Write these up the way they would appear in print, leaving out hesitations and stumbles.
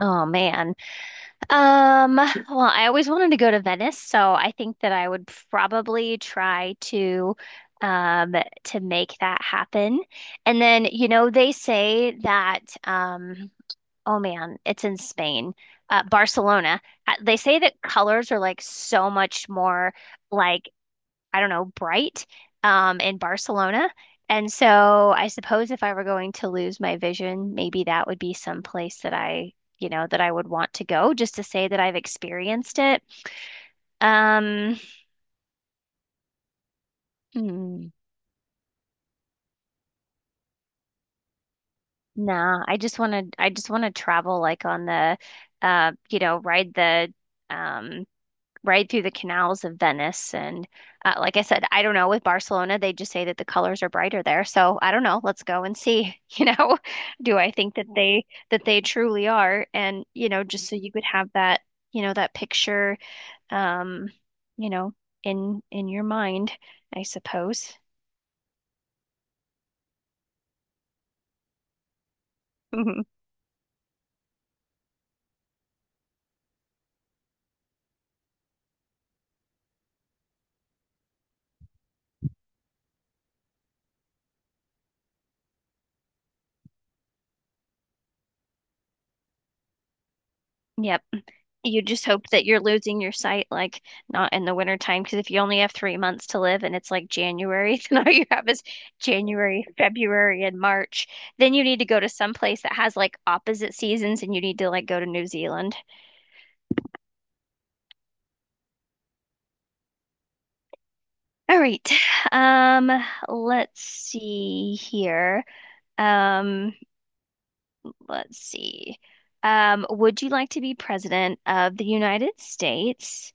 Oh man. Well, I always wanted to go to Venice, so I think that I would probably try um to make that happen. And then, you know, they say that oh man, it's in Spain. Barcelona. They say that colors are like so much more like I don't know, bright in Barcelona. And so I suppose if I were going to lose my vision, maybe that would be some place that I, you know, that I would want to go just to say that I've experienced it. Um, hmm, nah, I just want to travel like on the, you know, ride the, um, right through the canals of Venice. And like I said, I don't know with Barcelona, they just say that the colors are brighter there. So I don't know. Let's go and see. Do I think that they truly are? And you know, just so you could have that, you know, that picture, um, you know, in your mind, I suppose. Yep. You just hope that you're losing your sight, like not in the winter time, because if you only have 3 months to live and it's like January, then all you have is January, February, and March. Then you need to go to some place that has like opposite seasons, and you need to like go to New Zealand. All right. Um, let's see here. Um, let's see. Would you like to be president of the United States,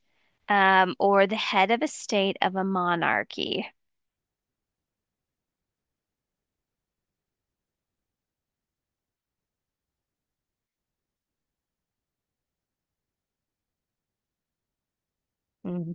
or the head of a state of a monarchy? Hmm.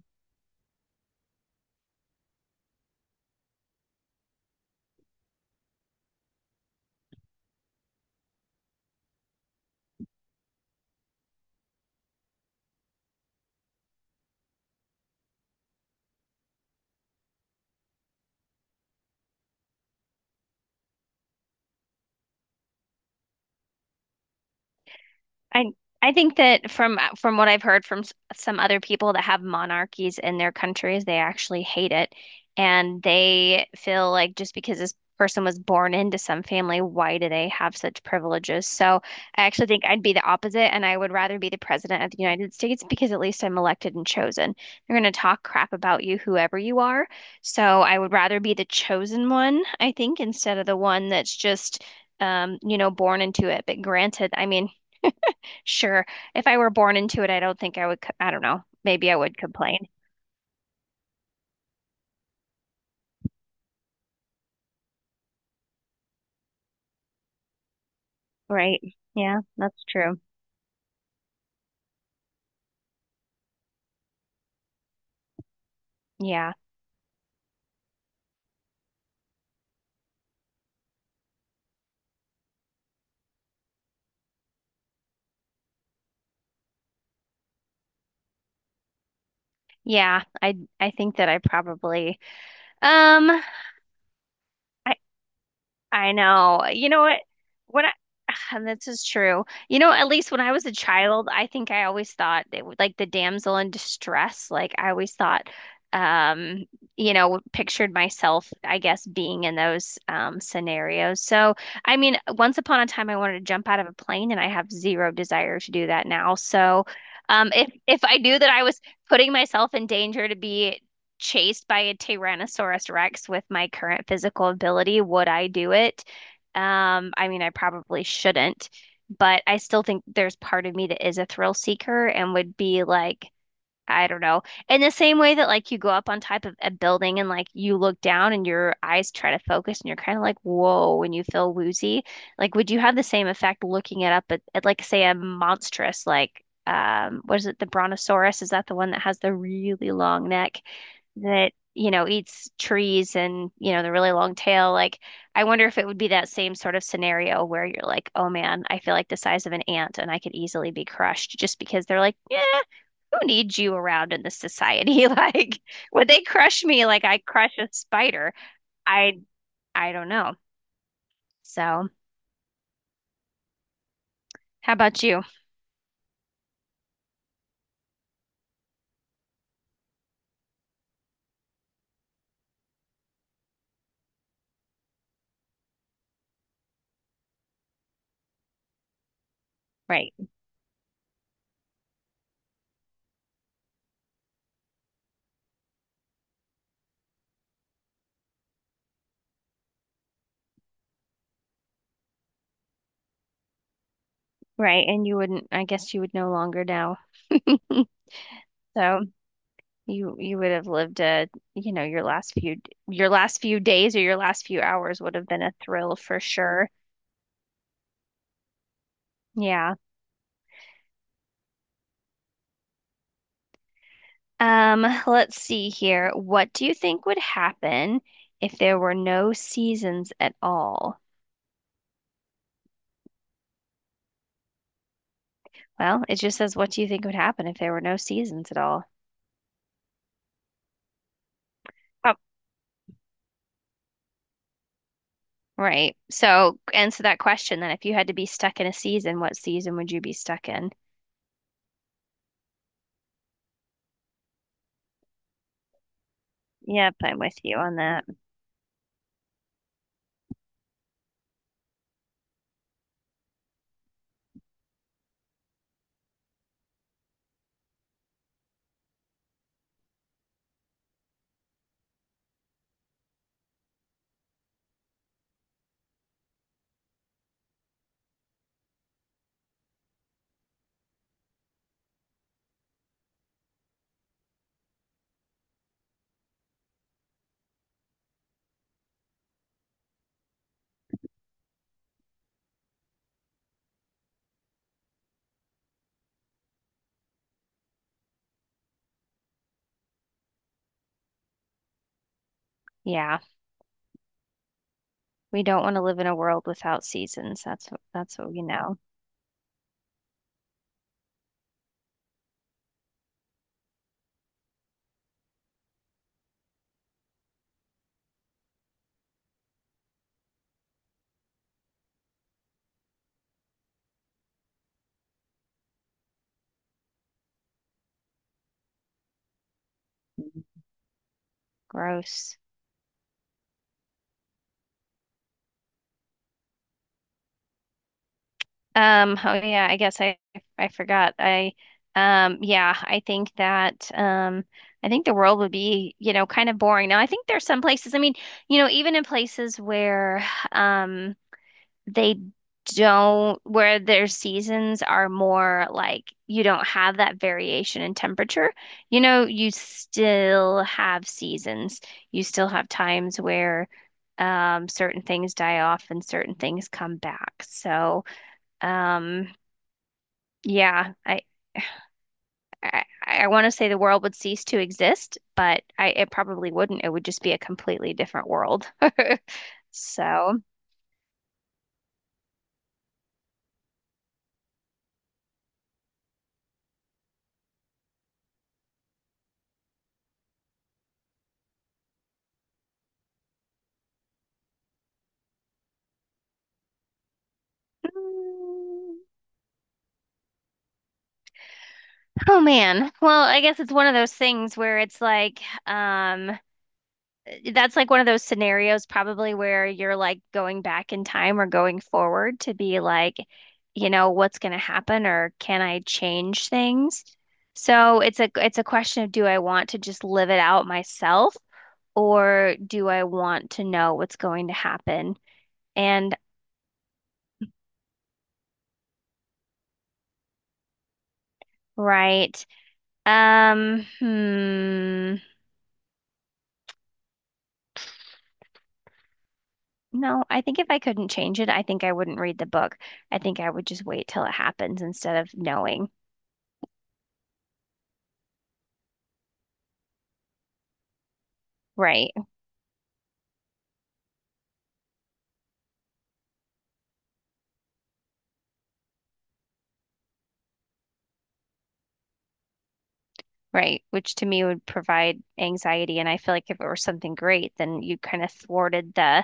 I I think that from what I've heard from some other people that have monarchies in their countries, they actually hate it, and they feel like just because this person was born into some family, why do they have such privileges? So I actually think I'd be the opposite, and I would rather be the president of the United States because at least I'm elected and chosen. They're going to talk crap about you, whoever you are. So I would rather be the chosen one, I think, instead of the one that's just you know, born into it. But granted, I mean. Sure. If I were born into it, I don't think I would, I don't know. Maybe I would complain, right? Yeah, that's true. Yeah. Yeah, I think that I probably um I know. You know what? When I, and this is true. You know, at least when I was a child, I think I always thought it would like the damsel in distress. Like I always thought, um, you know, pictured myself, I guess, being in those scenarios. So, I mean, once upon a time, I wanted to jump out of a plane, and I have zero desire to do that now. So, if I knew that I was putting myself in danger to be chased by a Tyrannosaurus Rex with my current physical ability, would I do it? I mean, I probably shouldn't, but I still think there's part of me that is a thrill seeker and would be like, I don't know. In the same way that like you go up on top of a building and like you look down and your eyes try to focus and you're kind of like, whoa, and you feel woozy. Like, would you have the same effect looking it up at like say a monstrous like what is it, the Brontosaurus? Is that the one that has the really long neck that, you know, eats trees and, you know, the really long tail? Like, I wonder if it would be that same sort of scenario where you're like, oh man, I feel like the size of an ant and I could easily be crushed just because they're like, yeah who needs you around in this society? Like, would they crush me like I crush a spider? I I don't know. So, how about you? Right, right. And you wouldn't, I guess you would no longer know. So you would have lived you know, your last few days or your last few hours would have been a thrill for sure. Yeah. Let's see here. What do you think would happen if there were no seasons at all? Well, it just says, what do you think would happen if there were no seasons at all? Oh, right. So answer that question then. If you had to be stuck in a season, what season would you be stuck in? Yep, I'm with you on that. Yeah, we don't want to live in a world without seasons. That's what we know. Mhm. Gross. Oh yeah, I guess I forgot. I yeah, I think that I think the world would be, you know, kind of boring. Now, I think there's some places, I mean, you know, even in places where um they don't, where their seasons are more like you don't have that variation in temperature. You know, you still have seasons. You still have times where certain things die off and certain things come back. So, um, yeah, I want to say the world would cease to exist, but it probably wouldn't. It would just be a completely different world. So. mm, Oh man. Well, I guess it's one of those things where it's like, um, that's like one of those scenarios probably where you're like going back in time or going forward to be like, you know, what's going to happen or can I change things? So it's a question of do I want to just live it out myself or do I want to know what's going to happen? And right. Um, hmm. No, I think if I couldn't change it, I think I wouldn't read the book. I think I would just wait till it happens instead of knowing. Right, right, which to me would provide anxiety. And I feel like if it were something great, then you kind of thwarted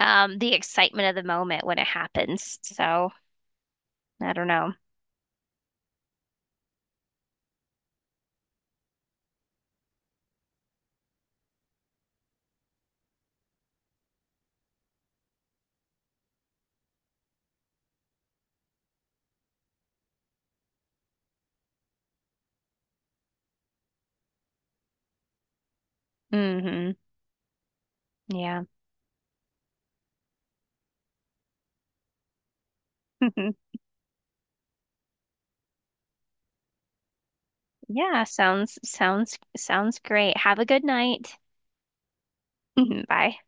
the excitement of the moment when it happens. So I don't know. Hmm. Yeah. Yeah, sounds great. Have a good night. Bye.